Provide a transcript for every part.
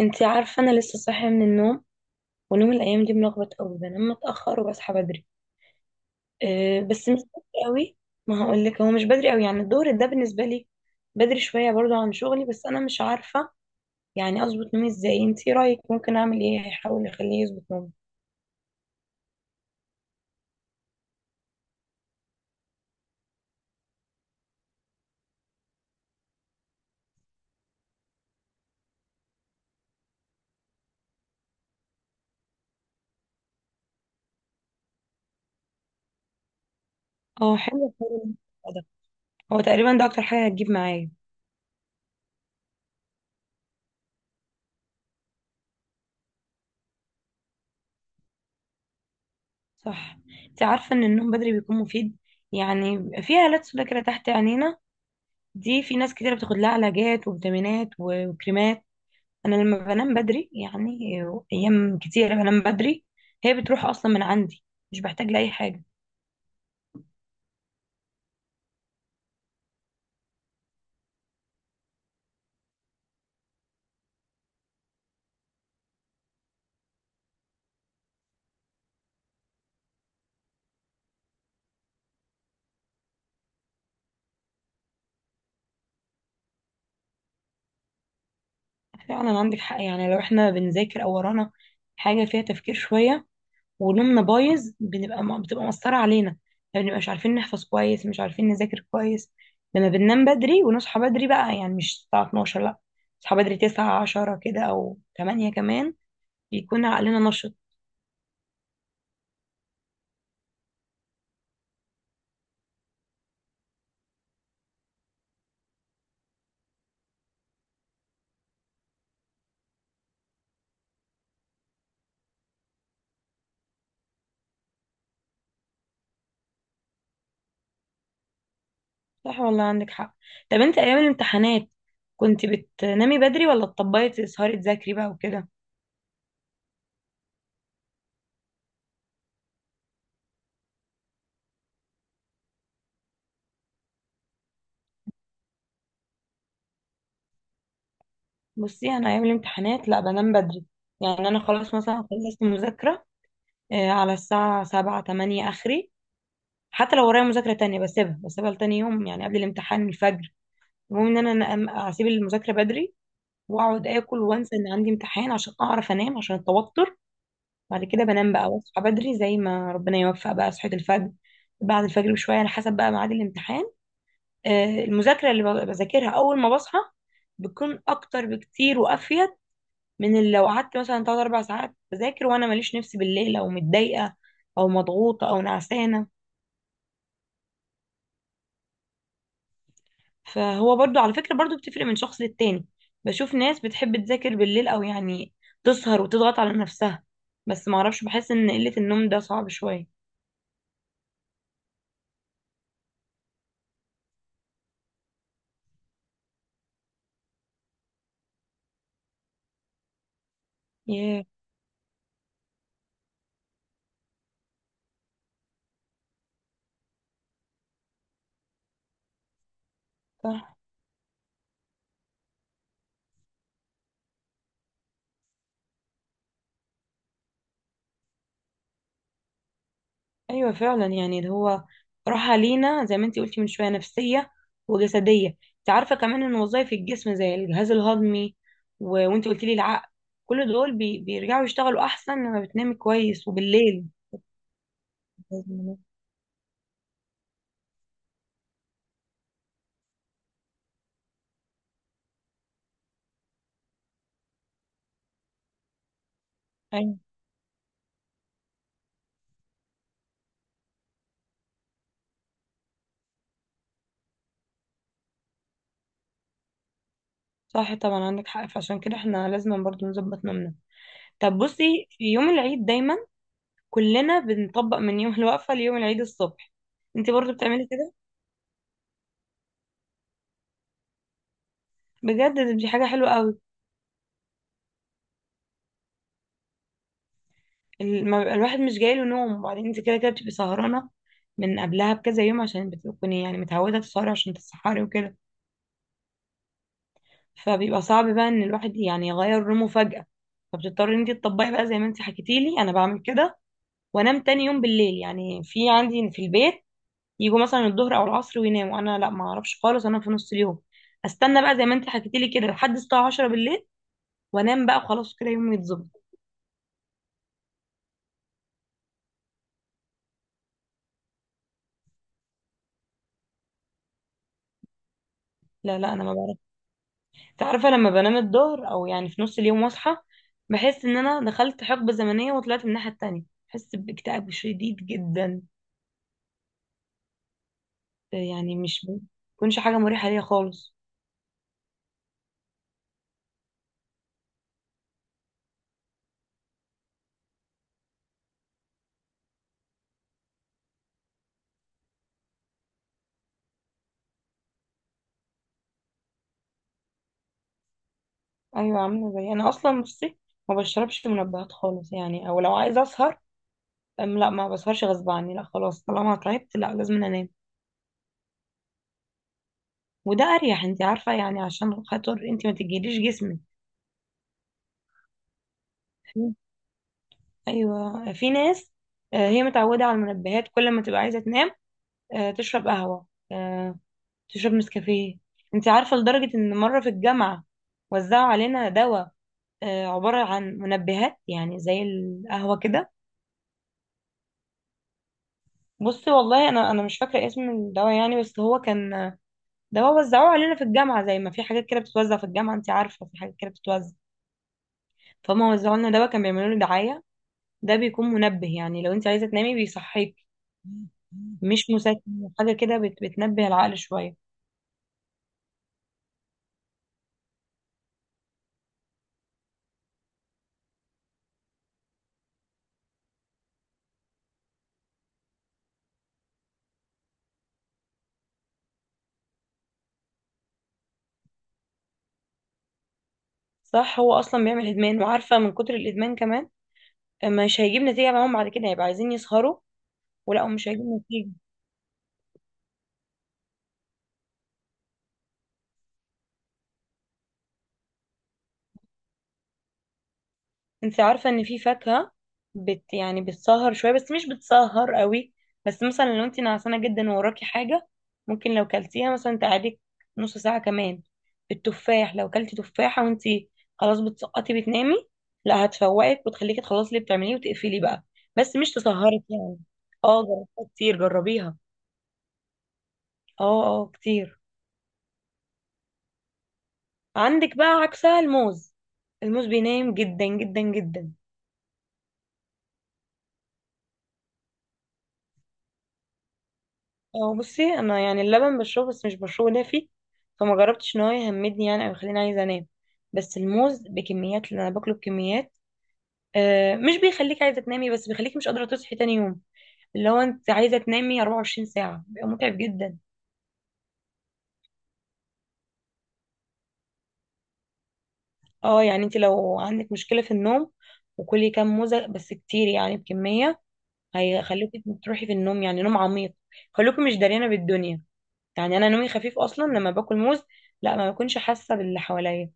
انتي عارفة انا لسه صاحية من النوم، ونوم الايام دي ملخبط قوي. بنام متأخر وبصحى بدري. أه، بس مش بدري قوي. ما هقولك هو مش بدري قوي، يعني الظهر ده بالنسبة لي بدري شوية برضو عن شغلي، بس انا مش عارفة يعني اظبط نومي ازاي. انتي رايك ممكن اعمل ايه هيحاول يخليه يظبط نومي؟ اه، حلو حلو. ده هو تقريبا ده اكتر حاجة هتجيب معايا. صح. انتي عارفة ان النوم بدري بيكون مفيد. يعني بيبقى في هالات سودا كده تحت عينينا، دي في ناس كتير بتاخد لها علاجات وفيتامينات وكريمات. انا لما بنام بدري، يعني ايام كتير بنام بدري، هي بتروح اصلا من عندي، مش بحتاج لاي حاجه. فعلا عندك حق. يعني لو احنا بنذاكر او ورانا حاجه فيها تفكير شويه ونومنا بايظ، ما بتبقى مأثره علينا، ما بنبقاش عارفين نحفظ كويس، مش عارفين نذاكر كويس. لما بننام بدري ونصحى بدري بقى، يعني مش الساعه 12، لا، نصحى بدري 9 10 كده او 8 كمان، بيكون عقلنا نشط. صح والله عندك حق. طب انت ايام الامتحانات كنت بتنامي بدري ولا تطبقي تسهري تذاكري بقى وكده؟ بصي انا ايام الامتحانات لا بنام بدري. يعني انا خلاص مثلا خلصت مذاكرة على الساعة سبعة تمانية اخري، حتى لو ورايا مذاكرة تانية بسيبها بسيبها لتاني يوم، يعني قبل الامتحان الفجر. المهم ان انا اسيب المذاكرة بدري واقعد اكل وانسى ان عندي امتحان عشان اعرف انام، عشان التوتر. بعد كده بنام بقى واصحى بدري زي ما ربنا يوفق، بقى صحيت الفجر، بعد الفجر بشوية على حسب بقى ميعاد الامتحان. المذاكرة اللي بذاكرها أول ما بصحى بتكون أكتر بكتير وأفيد من اللي لو قعدت مثلا تلات أربع ساعات بذاكر وأنا ماليش نفسي بالليل، أو متضايقة أو مضغوطة أو نعسانة. فهو برضو على فكرة برضو بتفرق من شخص للتاني. بشوف ناس بتحب تذاكر بالليل، أو يعني تسهر وتضغط على نفسها، بس معرفش، بحس إن قلة النوم ده صعب شوية. ياه. صح. ايوه فعلا، يعني اللي هو راحه لينا زي ما انت قلتي من شويه، نفسيه وجسديه. انت عارفه كمان ان وظائف الجسم زي الجهاز الهضمي و... وانت قلتي لي العقل، كل دول بيرجعوا يشتغلوا احسن لما بتنامي كويس وبالليل. لازم- ايوه. صح طبعا عندك حق، فعشان كده احنا لازم برضو نظبط نومنا. طب بصي، في يوم العيد دايما كلنا بنطبق من يوم الوقفه ليوم العيد الصبح، انت برضو بتعملي كده؟ بجد دي حاجه حلوه قوي. ما بيبقى الواحد مش جايله نوم، وبعدين انت كده كده بتبقي سهرانة من قبلها بكذا يوم، عشان بتكوني يعني متعودة تسهري عشان تتسحري وكده. فبيبقى صعب بقى ان الواحد يعني يغير نومه فجأة، فبتضطري ان انت تطبقي بقى زي ما انت حكيتيلي انا بعمل كده. وانام تاني يوم بالليل. يعني في عندي في البيت يجوا مثلا الظهر او العصر ويناموا، انا لا، ما اعرفش خالص. انا في نص اليوم استنى بقى زي ما انت حكيتيلي كده لحد الساعة 10 بالليل، وانام بقى وخلاص كده يومي يتظبط. لا لا، انا ما تعرف لما بنام الظهر او يعني في نص اليوم واصحى بحس ان انا دخلت حقبة زمنية وطلعت من الناحية التانية، بحس باكتئاب شديد جدا. يعني مش بتكونش حاجة مريحة ليا خالص. ايوه. عاملة زي انا اصلا. بصي ما بشربش منبهات خالص، يعني او لو عايزة اسهر أم لا ما بسهرش غصب عني، لا خلاص طالما تعبت لا لازم انام، وده اريح. انت عارفة يعني عشان خاطر انت ما تجيليش جسمك. ايوه. في ناس هي متعودة على المنبهات كل ما تبقى عايزة تنام، تشرب قهوة، آه، تشرب نسكافيه. انت عارفة لدرجة ان مرة في الجامعة وزعوا علينا دواء عبارة عن منبهات، يعني زي القهوة كده. بصي والله انا مش فاكرة اسم الدواء، يعني بس هو كان دواء وزعوه علينا في الجامعة. زي ما في حاجات كده بتتوزع في الجامعة، انت عارفة في حاجات كده بتتوزع، فهم وزعوا لنا دواء كان بيعملوا له دعاية. ده بيكون منبه، يعني لو انت عايزة تنامي بيصحيك، مش مسكن حاجة كده، بتنبه العقل شوية. صح، هو اصلا بيعمل ادمان، وعارفة من كتر الادمان كمان مش هيجيب نتيجة معاهم، بعد كده هيبقى عايزين يسهروا ومش هيجيب نتيجة. انت عارفة ان في فاكهة يعني بتسهر شوية بس مش بتسهر قوي. بس مثلا لو انت نعسانة جدا ووراكي حاجة، ممكن لو كلتيها مثلا تقعدك نص ساعة كمان. التفاح لو كلتي تفاحة وانت خلاص بتسقطي بتنامي، لا، هتفوقك وتخليكي تخلصي اللي بتعمليه وتقفلي بقى، بس مش تسهرك يعني. اه، جربتها كتير، جربيها. اه اه، كتير. عندك بقى عكسها الموز. الموز بينام جدا جدا جدا. هو بصي انا يعني اللبن بشربه بس مش بشربه دافي، فما جربتش ان هو يهمدني يعني او يخليني عايزه انام. بس الموز بكميات، اللي انا باكله بكميات، مش بيخليك عايزه تنامي، بس بيخليك مش قادره تصحي تاني يوم. اللي هو انت عايزه تنامي 24 ساعه، بيبقى متعب جدا. اه، يعني انت لو عندك مشكله في النوم وكلي كام موزه بس كتير، يعني بكميه، هيخليكي تروحي في النوم، يعني نوم عميق، خلوكي مش داريانه بالدنيا. يعني انا نومي خفيف اصلا، لما باكل موز لا، ما بكونش حاسه باللي حواليا.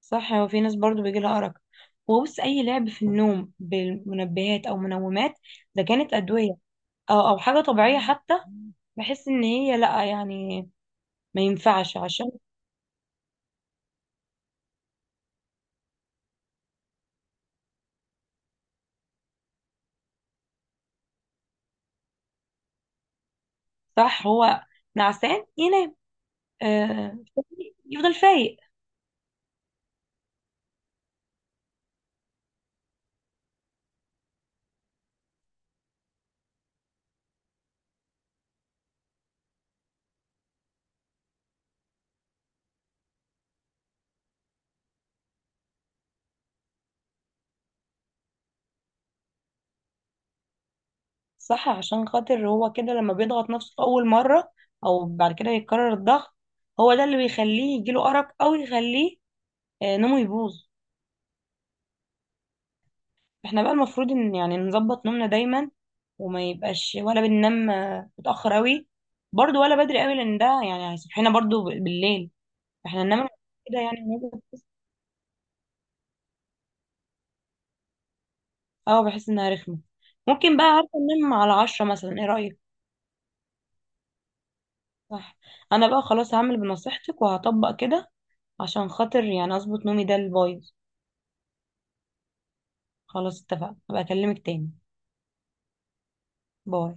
صح، هو في ناس برضو بيجي لها أرق. وبص، أي لعب في النوم بالمنبهات أو منومات، ده كانت أدوية أو حاجة طبيعية حتى، بحس إن هي لأ، يعني ما ينفعش عشان. صح، هو نعسان ينام، آه يفضل فايق. صح، عشان خاطر هو كده لما بيضغط نفسه في أول مرة أو بعد كده يتكرر الضغط، هو ده اللي بيخليه يجيله أرق أو يخليه نومه يبوظ. احنا بقى المفروض ان يعني نظبط نومنا دايما، وما يبقاش ولا بننام متأخر قوي برضو، ولا بدري قوي، لان ده يعني هيصحينا برضو بالليل. احنا ننام كده يعني هنبقى اه بحس انها رخمة. ممكن بقى، عارفة، ننام على عشرة مثلا، ايه رأيك؟ صح. انا بقى خلاص هعمل بنصيحتك وهطبق كده، عشان خاطر يعني اظبط نومي ده البايظ. خلاص اتفقنا، هبقى اكلمك تاني. باي.